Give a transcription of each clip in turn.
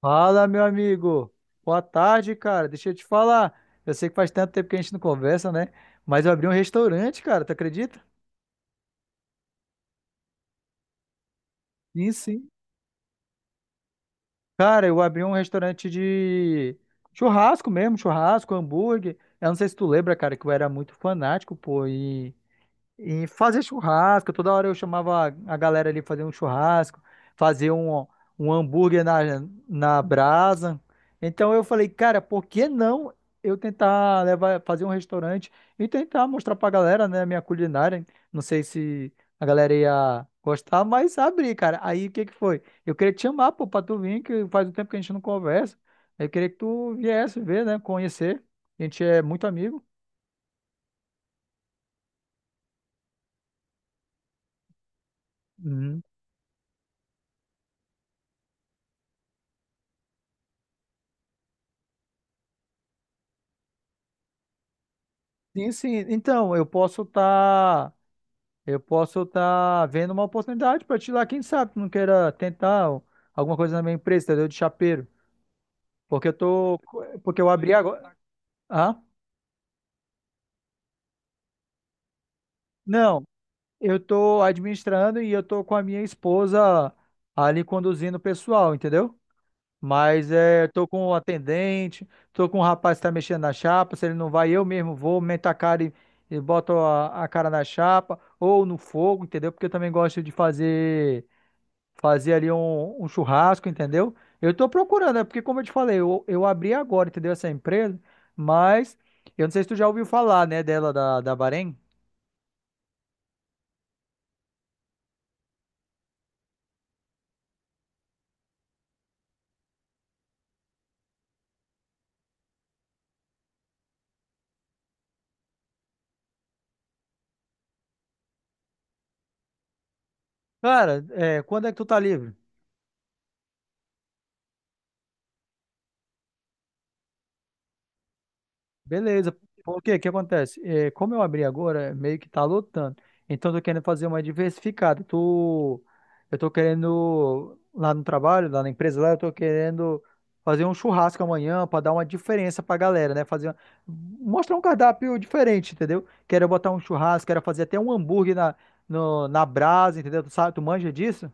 Fala, meu amigo. Boa tarde, cara. Deixa eu te falar. Eu sei que faz tanto tempo que a gente não conversa, né? Mas eu abri um restaurante, cara. Tu acredita? Sim, sim. Cara, eu abri um restaurante de churrasco mesmo, churrasco, hambúrguer. Eu não sei se tu lembra, cara, que eu era muito fanático, pô, e fazer churrasco, toda hora eu chamava a galera ali fazer um churrasco, fazer um, um hambúrguer na brasa. Então eu falei, cara, por que não eu tentar levar, fazer um restaurante e tentar mostrar pra galera, né, minha culinária? Não sei se a galera ia gostar, mas abri, cara. Aí o que que foi? Eu queria te chamar, pô, pra tu vir, que faz um tempo que a gente não conversa. Eu queria que tu viesse ver, né, conhecer. A gente é muito amigo. Uhum. Sim, sim. Então, eu posso estar vendo uma oportunidade para te lá, quem sabe, tu não queira tentar alguma coisa na minha empresa, entendeu? De chapeiro. Porque eu tô, porque eu abri agora. Ah? Não, eu tô administrando e eu tô com a minha esposa ali conduzindo o pessoal, entendeu? Mas é, tô com o atendente, tô com o rapaz que tá mexendo na chapa, se ele não vai, eu mesmo vou, meto a cara e boto a cara na chapa ou no fogo, entendeu? Porque eu também gosto de fazer ali um, um churrasco, entendeu? Eu tô procurando, é porque, como eu te falei, eu abri agora, entendeu? Essa empresa, mas eu não sei se tu já ouviu falar, né, da Bahrein. Cara, é, quando é que tu tá livre? Beleza. Por quê? O que acontece? É, como eu abri agora, meio que tá lotando. Então, eu tô querendo fazer uma diversificada. Tô, eu tô querendo, lá no trabalho, lá na empresa, lá, eu tô querendo fazer um churrasco amanhã para dar uma diferença pra galera, né? Fazer, mostrar um cardápio diferente, entendeu? Quero botar um churrasco, quero fazer até um hambúrguer na, no- na brasa, entendeu? Tu sabe, tu manja disso?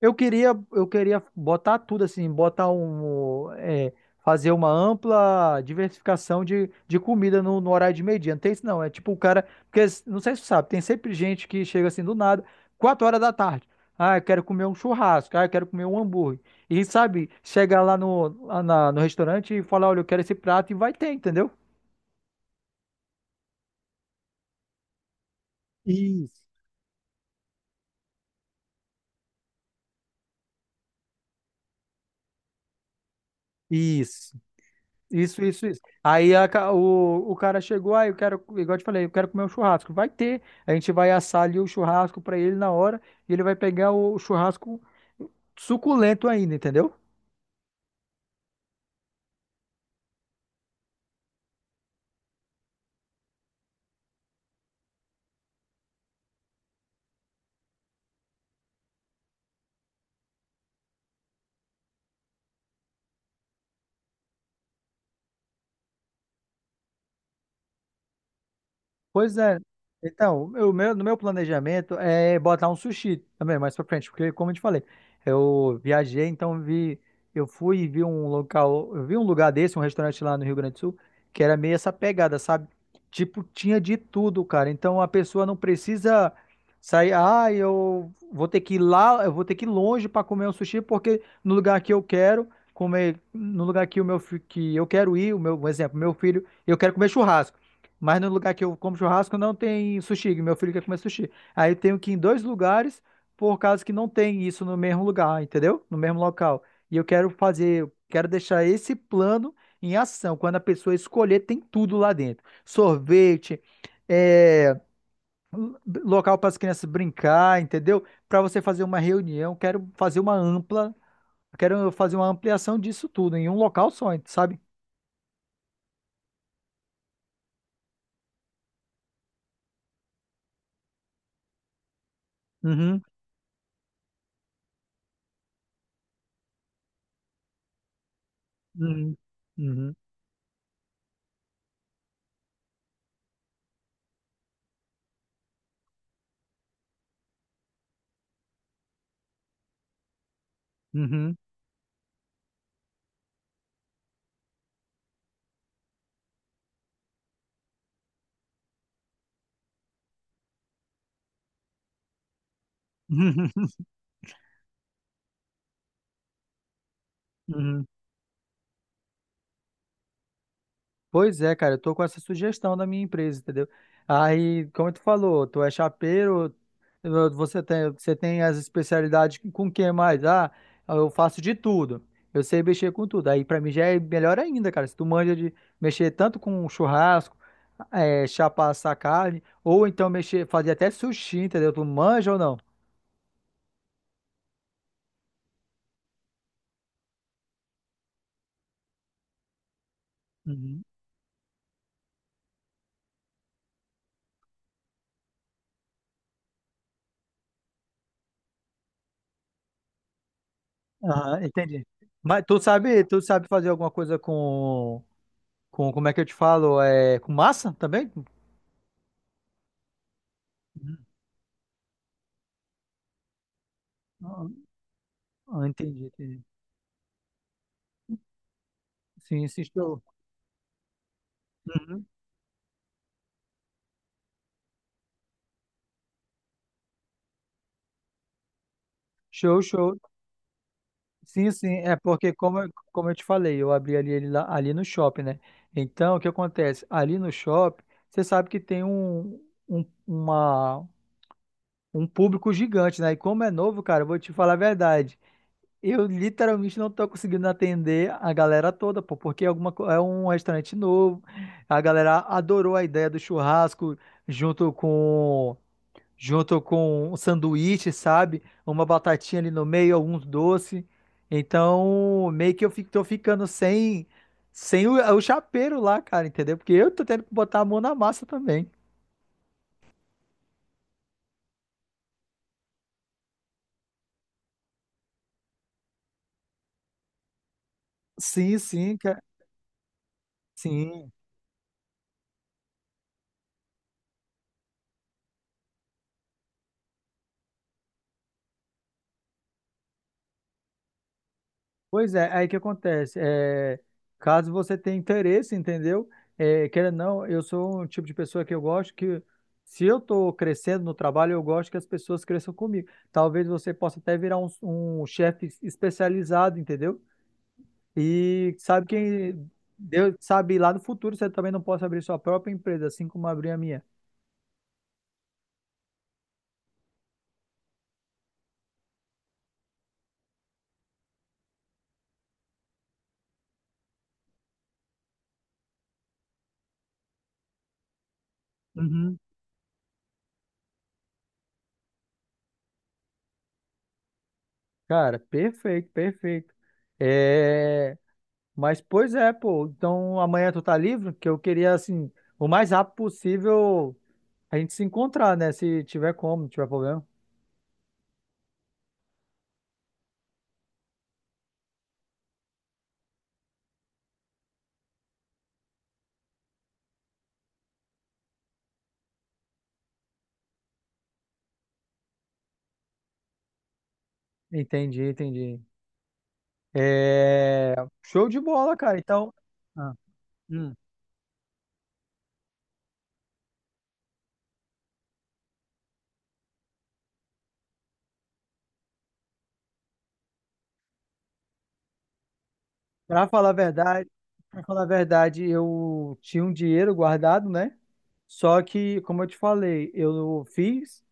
Eu queria botar tudo assim, botar um, é, fazer uma ampla diversificação de comida no horário de meio-dia. Não tem isso não, é tipo o cara, porque não sei se você sabe, tem sempre gente que chega assim do nada, 4 horas da tarde. Ah, eu quero comer um churrasco, ah, eu quero comer um hambúrguer. E sabe, chega lá no restaurante e fala olha, eu quero esse prato e vai ter, entendeu? Isso. Isso. Isso, isso, isso. Aí o cara chegou, aí eu quero, igual eu te falei, eu quero comer um churrasco. Vai ter, a gente vai assar ali o churrasco pra ele na hora e ele vai pegar o churrasco suculento ainda, entendeu? Pois é. Então, no meu planejamento é botar um sushi também mais pra frente, porque como eu te falei, eu viajei, então vi, eu fui e vi um local, eu vi um lugar desse, um restaurante lá no Rio Grande do Sul, que era meio essa pegada, sabe? Tipo, tinha de tudo, cara. Então a pessoa não precisa sair, ah, eu vou ter que ir lá, eu vou ter que ir longe pra comer um sushi, porque no lugar que eu quero comer, no lugar que que eu quero ir, o meu, um exemplo, meu filho, eu quero comer churrasco. Mas no lugar que eu como churrasco não tem sushi, que meu filho quer comer sushi. Aí eu tenho que ir em dois lugares, por causa que não tem isso no mesmo lugar, entendeu? No mesmo local. E eu quero fazer, eu quero deixar esse plano em ação. Quando a pessoa escolher, tem tudo lá dentro. Sorvete, é, lo- local para as crianças brincar, entendeu? Para você fazer uma reunião, quero fazer uma ampla, quero fazer uma ampliação disso tudo em um local só, sabe? Uhum, uhum, uhum, uhum, uhum. Uhum. Pois é, cara, eu tô com essa sugestão da minha empresa, entendeu? Aí, como tu falou, tu é chapeiro, você tem as especialidades com o que mais? Ah, eu faço de tudo. Eu sei mexer com tudo. Aí pra mim já é melhor ainda, cara. Se tu manja de mexer tanto com churrasco, é, chapar essa carne, ou então mexer, fazer até sushi, entendeu? Tu manja ou não? Uhum. Aham, entendi. Mas tu sabe fazer alguma coisa como é que eu te falo? É, com massa também? Ah, entendi, entendi. Sim, sim, show. Uhum. Show, show. Sim, sim, é porque como, como eu te falei, eu abri ali, ele lá, ali no shopping, né? Então, o que acontece? Ali no shopping, você sabe que tem um, uma, um público gigante, né? E como é novo, cara, eu vou te falar a verdade. Eu literalmente não tô conseguindo atender a galera toda, pô, porque é é um restaurante novo. A galera adorou a ideia do churrasco junto com junto com um sanduíche, sabe? Uma batatinha ali no meio, alguns doces. Então, meio que eu fico, tô ficando sem o chapeiro lá, cara, entendeu? Porque eu tô tendo que botar a mão na massa também. Sim, sim, cara. Sim. Pois é, aí que acontece. É, caso você tenha interesse, entendeu? É, queira ou não, eu sou um tipo de pessoa que eu gosto que, se eu tô crescendo no trabalho, eu gosto que as pessoas cresçam comigo. Talvez você possa até virar um, um chefe especializado, entendeu? E sabe quem Deus sabe lá no futuro você também não pode abrir sua própria empresa, assim como abrir a minha. Uhum. Cara, perfeito, perfeito. É, mas pois é, pô. Então amanhã tu tá livre? Que eu queria assim, o mais rápido possível a gente se encontrar, né? Se tiver como, não tiver problema. Entendi, entendi. É, show de bola, cara. Então, ah, Hum. pra falar a verdade Pra falar a verdade, eu tinha um dinheiro guardado, né? Só que, como eu te falei, eu fiz.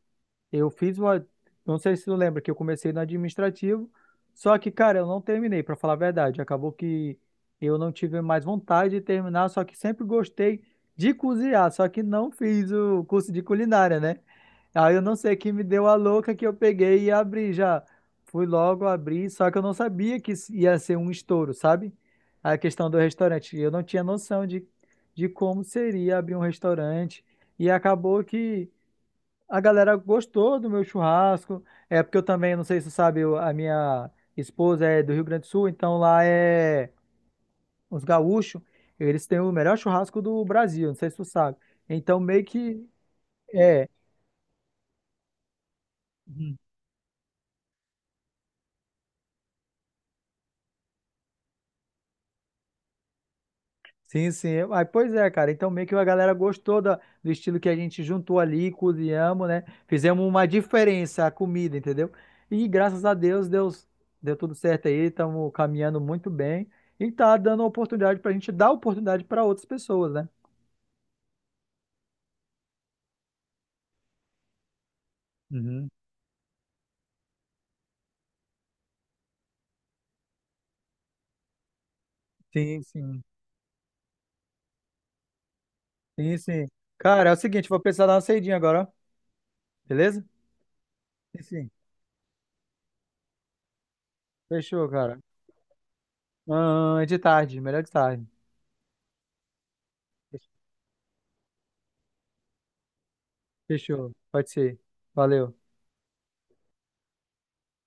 Eu fiz uma. Não sei se tu lembra que eu comecei no administrativo, só que, cara, eu não terminei, pra falar a verdade. Acabou que eu não tive mais vontade de terminar, só que sempre gostei de cozinhar, só que não fiz o curso de culinária, né? Aí eu não sei que me deu a louca que eu peguei e abri já. Fui logo abrir, só que eu não sabia que isso ia ser um estouro, sabe? A questão do restaurante. Eu não tinha noção de como seria abrir um restaurante. E acabou que. A galera gostou do meu churrasco. É porque eu também, não sei se você sabe, a minha esposa é do Rio Grande do Sul, então lá é os gaúchos, eles têm o melhor churrasco do Brasil, não sei se tu sabe. Então meio que é, Sim, sim. Aí, pois é, cara. Então, meio que a galera gostou da, do estilo que a gente juntou ali, cozinhamos, né? Fizemos uma diferença a comida, entendeu? E graças a Deus, Deus deu tudo certo aí. Estamos caminhando muito bem e tá dando oportunidade pra gente dar oportunidade para outras pessoas, né? Uhum. Sim, sim. Sim, sim. Cara, é o seguinte, vou precisar dar uma saidinha agora, ó. Beleza? Sim, sim. Fechou, cara. Ah, é de tarde, melhor de tarde. Fechou. Pode ser. Valeu.